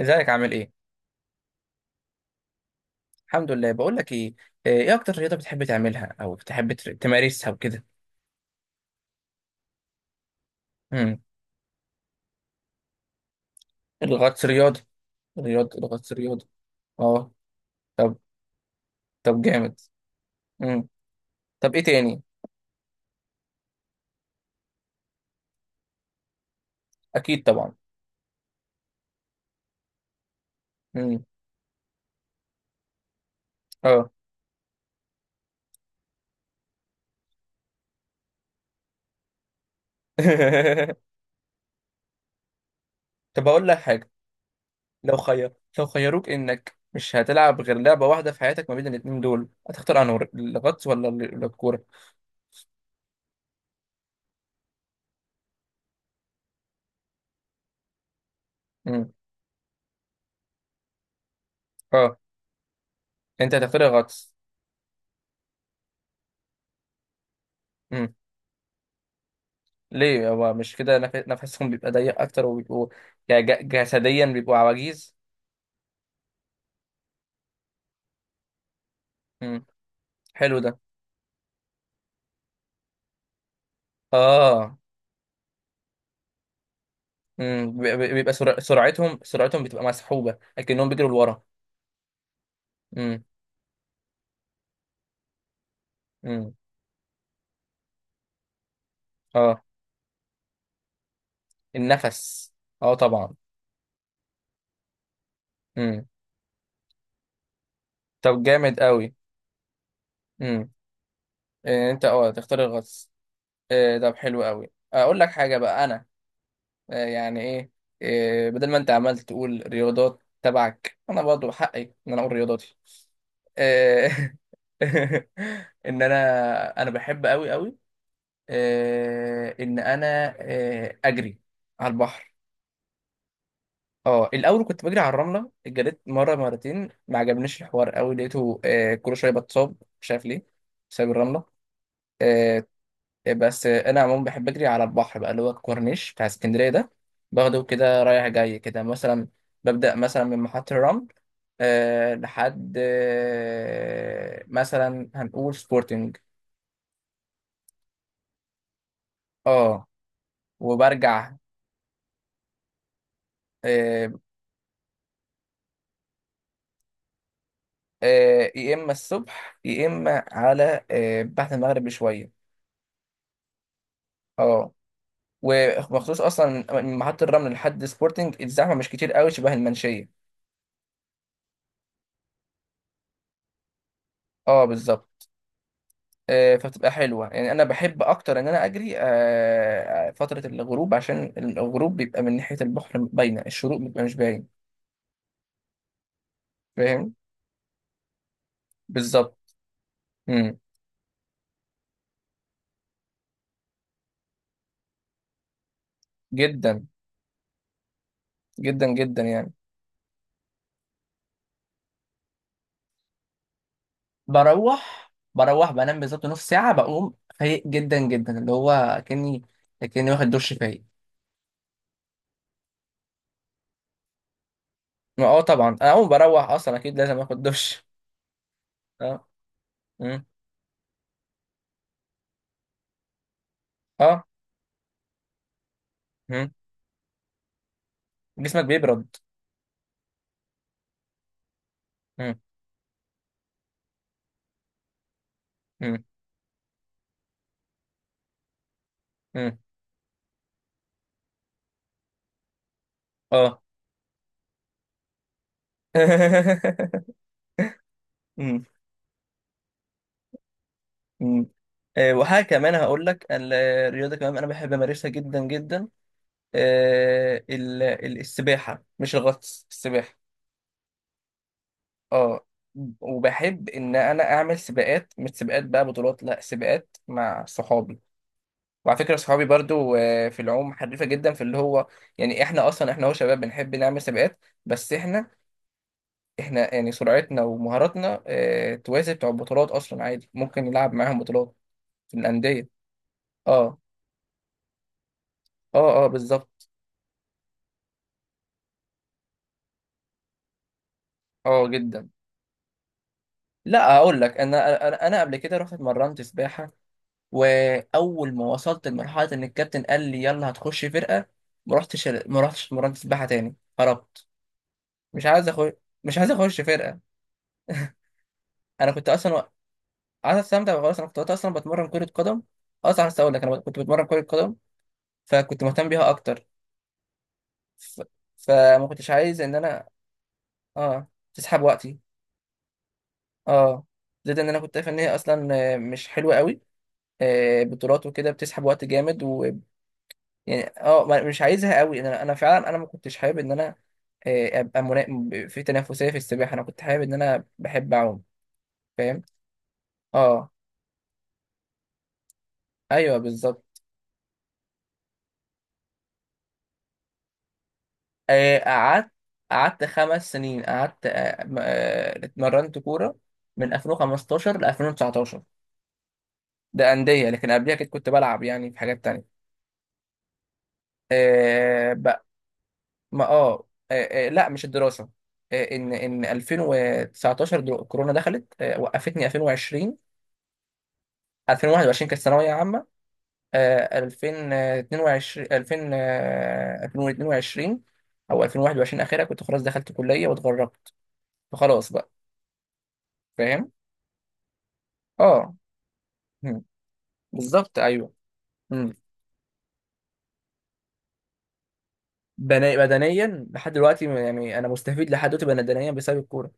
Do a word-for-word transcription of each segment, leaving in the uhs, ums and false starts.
ازيك؟ عامل ايه؟ الحمد لله. بقول لك ايه، آه، ايه اكتر رياضة بتحب تعملها او بتحب تر- تمارسها وكده؟ امم. الغطس رياضة. رياضة الغطس رياضة. اه. طب. طب، جامد. امم. طب ايه تاني؟ اكيد طبعا. امم. اه. طب اقول لك حاجة. لو خير لو خيروك انك مش هتلعب غير لعبة واحدة في حياتك، ما بين الاتنين دول هتختار انهي، الغطس ولا ال- الكورة؟ امم. اه. انت هتختار الغطس. ليه؟ هو مش كده نف- نفسهم بيبقى ضيق اكتر، وبيبقوا يعني ج- جسديا بيبقوا عواجيز. مم. حلو ده. اه. مم. بيبقى بيبقى سرع- سرعتهم سرعتهم بتبقى مسحوبة، لكنهم بيجروا لورا. مم. مم. اه، النفس. اه طبعا. مم. طب جامد قوي. مم. إيه، انت اه تختار الغطس. إيه، طب حلو قوي. اقول لك حاجة بقى انا، آه، يعني ايه، آه، بدل ما انت عمال تقول رياضات تبعك، انا برضه حقي ان انا اقول رياضاتي. آه، ان انا انا بحب قوي قوي، آه، ان انا آه، اجري على البحر. اه، الاول كنت بجري على الرمله، جريت مره مرتين ما عجبنيش الحوار قوي، لقيته آه، كل شويه بتصاب مش عارف ليه، بسبب الرمله. آه، بس انا عموما بحب اجري على البحر بقى، اللي هو الكورنيش بتاع اسكندريه ده. باخده كده رايح جاي كده مثلا، ببدا مثلا من محطه الرمل، أه لحد أه مثلا، هنقول سبورتنج. اه، وبرجع. أه. أه، يا اما الصبح يا اما على أه بعد المغرب بشويه. اه، ومخصوص اصلا من محطه الرمل لحد سبورتنج الزحمه مش كتير قوي شبه المنشيه. اه بالظبط. آه، فبتبقى حلوة يعني، أنا بحب أكتر إن أنا أجري آه، آه، فترة الغروب، عشان الغروب بيبقى من ناحية البحر باينة، الشروق بيبقى مش باين. فاهم. بالظبط. مم. جدا، جدا جدا يعني. بروح بروح بنام بالظبط نص ساعة، بقوم فايق جدا جدا، اللي هو كأني، كأني واخد دش، فايق. ما اه طبعا، أنا أول ما بروح أصلا أكيد لازم آخد دش. اه. مم. اه. مم. جسمك بيبرد. مم. مم. مم. اه. مم. مم. آه، وحاجة كمان هقول لك، ال- الرياضة كمان أنا بحب أمارسها جدا جدا، آه، ال- ال- السباحة، مش الغطس، السباحة. اه، وبحب إن أنا أعمل سباقات، مش سباقات بقى بطولات، لا سباقات مع صحابي. وعلى فكرة صحابي برضو آه، في العوم حريفة جدا، في اللي هو يعني، إحنا أصلا إحنا هو شباب بنحب نعمل سباقات. بس إحنا إحنا يعني سرعتنا ومهاراتنا آه، توازي بتوع البطولات أصلا، عادي ممكن نلعب معاهم بطولات في الأندية. اه اه اه بالظبط. اه جدا. لا اقول لك، انا انا أنا قبل كده رحت اتمرنت سباحه، واول ما وصلت لمرحله ان الكابتن قال لي يلا هتخش فرقه، ما رحتش ما رحتش اتمرنت سباحه تاني، هربت. مش عايز اخش، مش عايز اخش فرقه. انا كنت اصلا و- عايز استمتع وخلاص. انا كنت وقتها اصلا بتمرن كره قدم، اصلا عايز اقول لك انا كنت بتمرن كره قدم، فكنت مهتم بيها اكتر. ف... فما كنتش عايز ان انا اه تسحب وقتي. اه، زائد ان انا كنت شايف ان هي اصلا آه، مش حلوه قوي، آه، بطولات وكده بتسحب وقت جامد، و يعني اه ما- مش عايزها قوي. انا انا فعلا انا ما كنتش حابب ان انا آه، ابقى منا... في تنافسيه في السباحه، انا كنت حابب ان انا بحب اعوم. فاهم. اه، ايوه بالظبط. آه، قعدت قعدت خمس سنين قعدت آه، م- آه، اتمرنت كوره، من ألفين وخمستاشر ل ألفين وتسعة عشر. ده انديه، لكن قبلها كنت كنت بلعب يعني في حاجات تانية. آه، ما اه آه، آه، لا مش الدراسه. آه، ان ان ألفين وتسعتاشر در- كورونا دخلت، آه، وقفتني. ألفين وعشرين، ألفين وواحد وعشرين كانت ثانويه عامه، آه، ألفين واتنين وعشرين ألفين آه، ألفين واتنين وعشرين، او ألفين وواحد وعشرين اخرها كنت خلاص دخلت كليه، واتغربت. فخلاص بقى. فاهم. اه. مم. بالظبط ايوه. مم. بنا- بدنيا لحد دلوقتي، يعني انا مستفيد لحد دلوقتي بدنيا بسبب الكوره.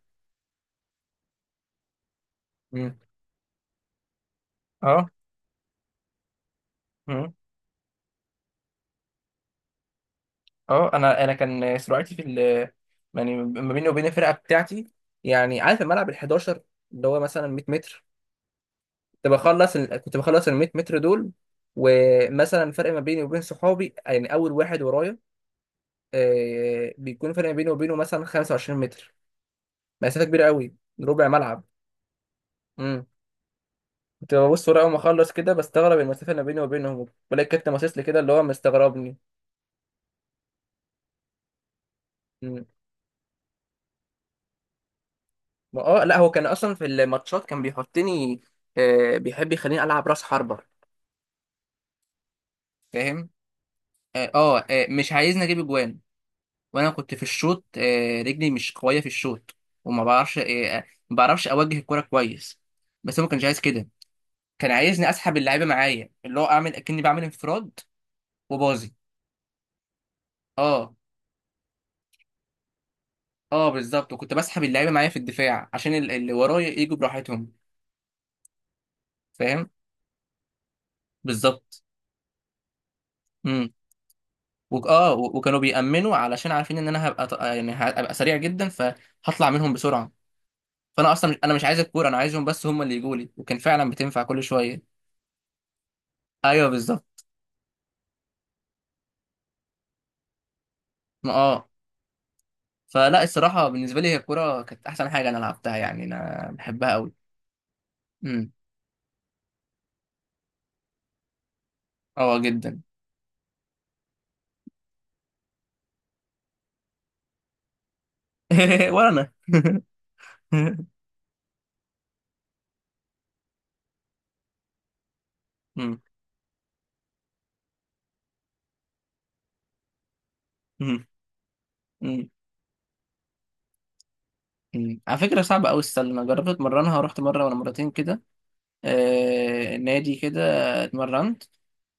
مم. اه. اه، انا انا كان سرعتي في ال، يعني ما بيني وبين الفرقه بتاعتي، يعني عارف الملعب ال حداشر، اللي هو مثلا ميت متر. كنت بخلص ال... كنت بخلص ال ميت متر دول، ومثلا فرق ما بيني وبين صحابي، يعني اول واحد ورايا آه بيكون فرق ما بيني وبينه مثلا خمسة وعشرين متر، مسافه كبيره قوي، ربع ملعب. امم. كنت ببص ورا اول ما اخلص كده، بستغرب المسافه اللي ما بيني وبينهم، بلاقي الكابتن باصص لي كده اللي هو مستغربني. ما اه لا، هو كان اصلا في الماتشات كان بيحطني، آه بيحب يخليني العب راس حربة. فاهم. اه، آه آه، مش عايزني اجيب اجوان. وانا كنت في الشوط آه رجلي مش قويه في الشوط، وما بعرفش آه آه، ما بعرفش اوجه الكرة كويس. بس هو ما كانش عايز كده، كان عايزني اسحب اللعيبه معايا، اللي هو اعمل اكني بعمل انفراد، وباظي. اه اه بالظبط. وكنت بسحب اللعيبه معايا في الدفاع عشان ال- اللي ورايا يجوا براحتهم. فاهم بالظبط. وك- اه و- وكانوا بيأمنوا، علشان عارفين ان انا هبقى ط- يعني هبقى سريع جدا فهطلع منهم بسرعه. فانا اصلا، مش انا مش عايز الكوره، انا عايزهم بس هم اللي يجوا لي، وكان فعلا بتنفع كل شويه. ايوه بالظبط. ما اه فلا الصراحه، بالنسبه لي هي الكوره كانت احسن حاجه انا لعبتها، يعني انا بحبها قوي. امم. اه جدا. ولا انا. أمم. أمم. أمم. أمم. على فكره صعبه قوي السله، انا جربت اتمرنها، رحت مره ولا مرتين كده، آه، نادي كده، اتمرنت.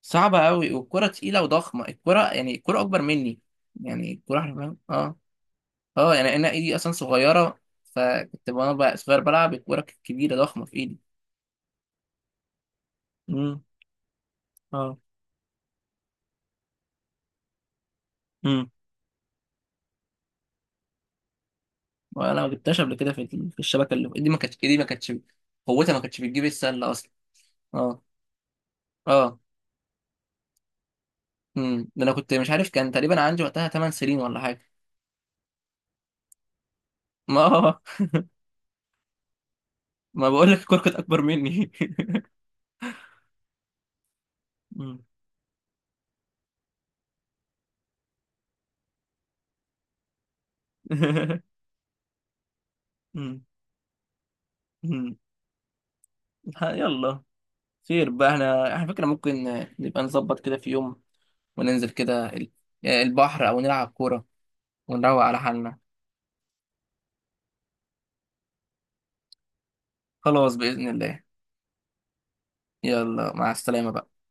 صعبة قوي، والكرة تقيلة وضخمة، الكرة يعني الكرة أكبر مني، يعني الكرة حرفيا اه. اه يعني أنا إيدي أصلا صغيرة، فكنت وأنا بقى صغير بلعب، الكرة كانت كبيرة ضخمة في إيدي. امم. اه. امم. وأنا ما جبتهاش قبل كده في ال- في الشبكة، اللي إيدي ما كانتش، إيدي ما كانتش قوتها ما كانتش بتجيب السلة أصلا. اه. اه. امم، ده أنا كنت مش عارف، كان تقريبا عندي وقتها ثمان سنين ولا حاجة. ما ما بقول لك الكرة كانت أكبر مني. مم. مم. مم. ها- يلا، خير بقى. احنا احنا فكرة، ممكن نبقى نظبط كده في يوم، وننزل كده ال- آه، البحر، او نلعب كورة، ونروق على حالنا. خلاص، بإذن الله. يلا مع السلامة بقى.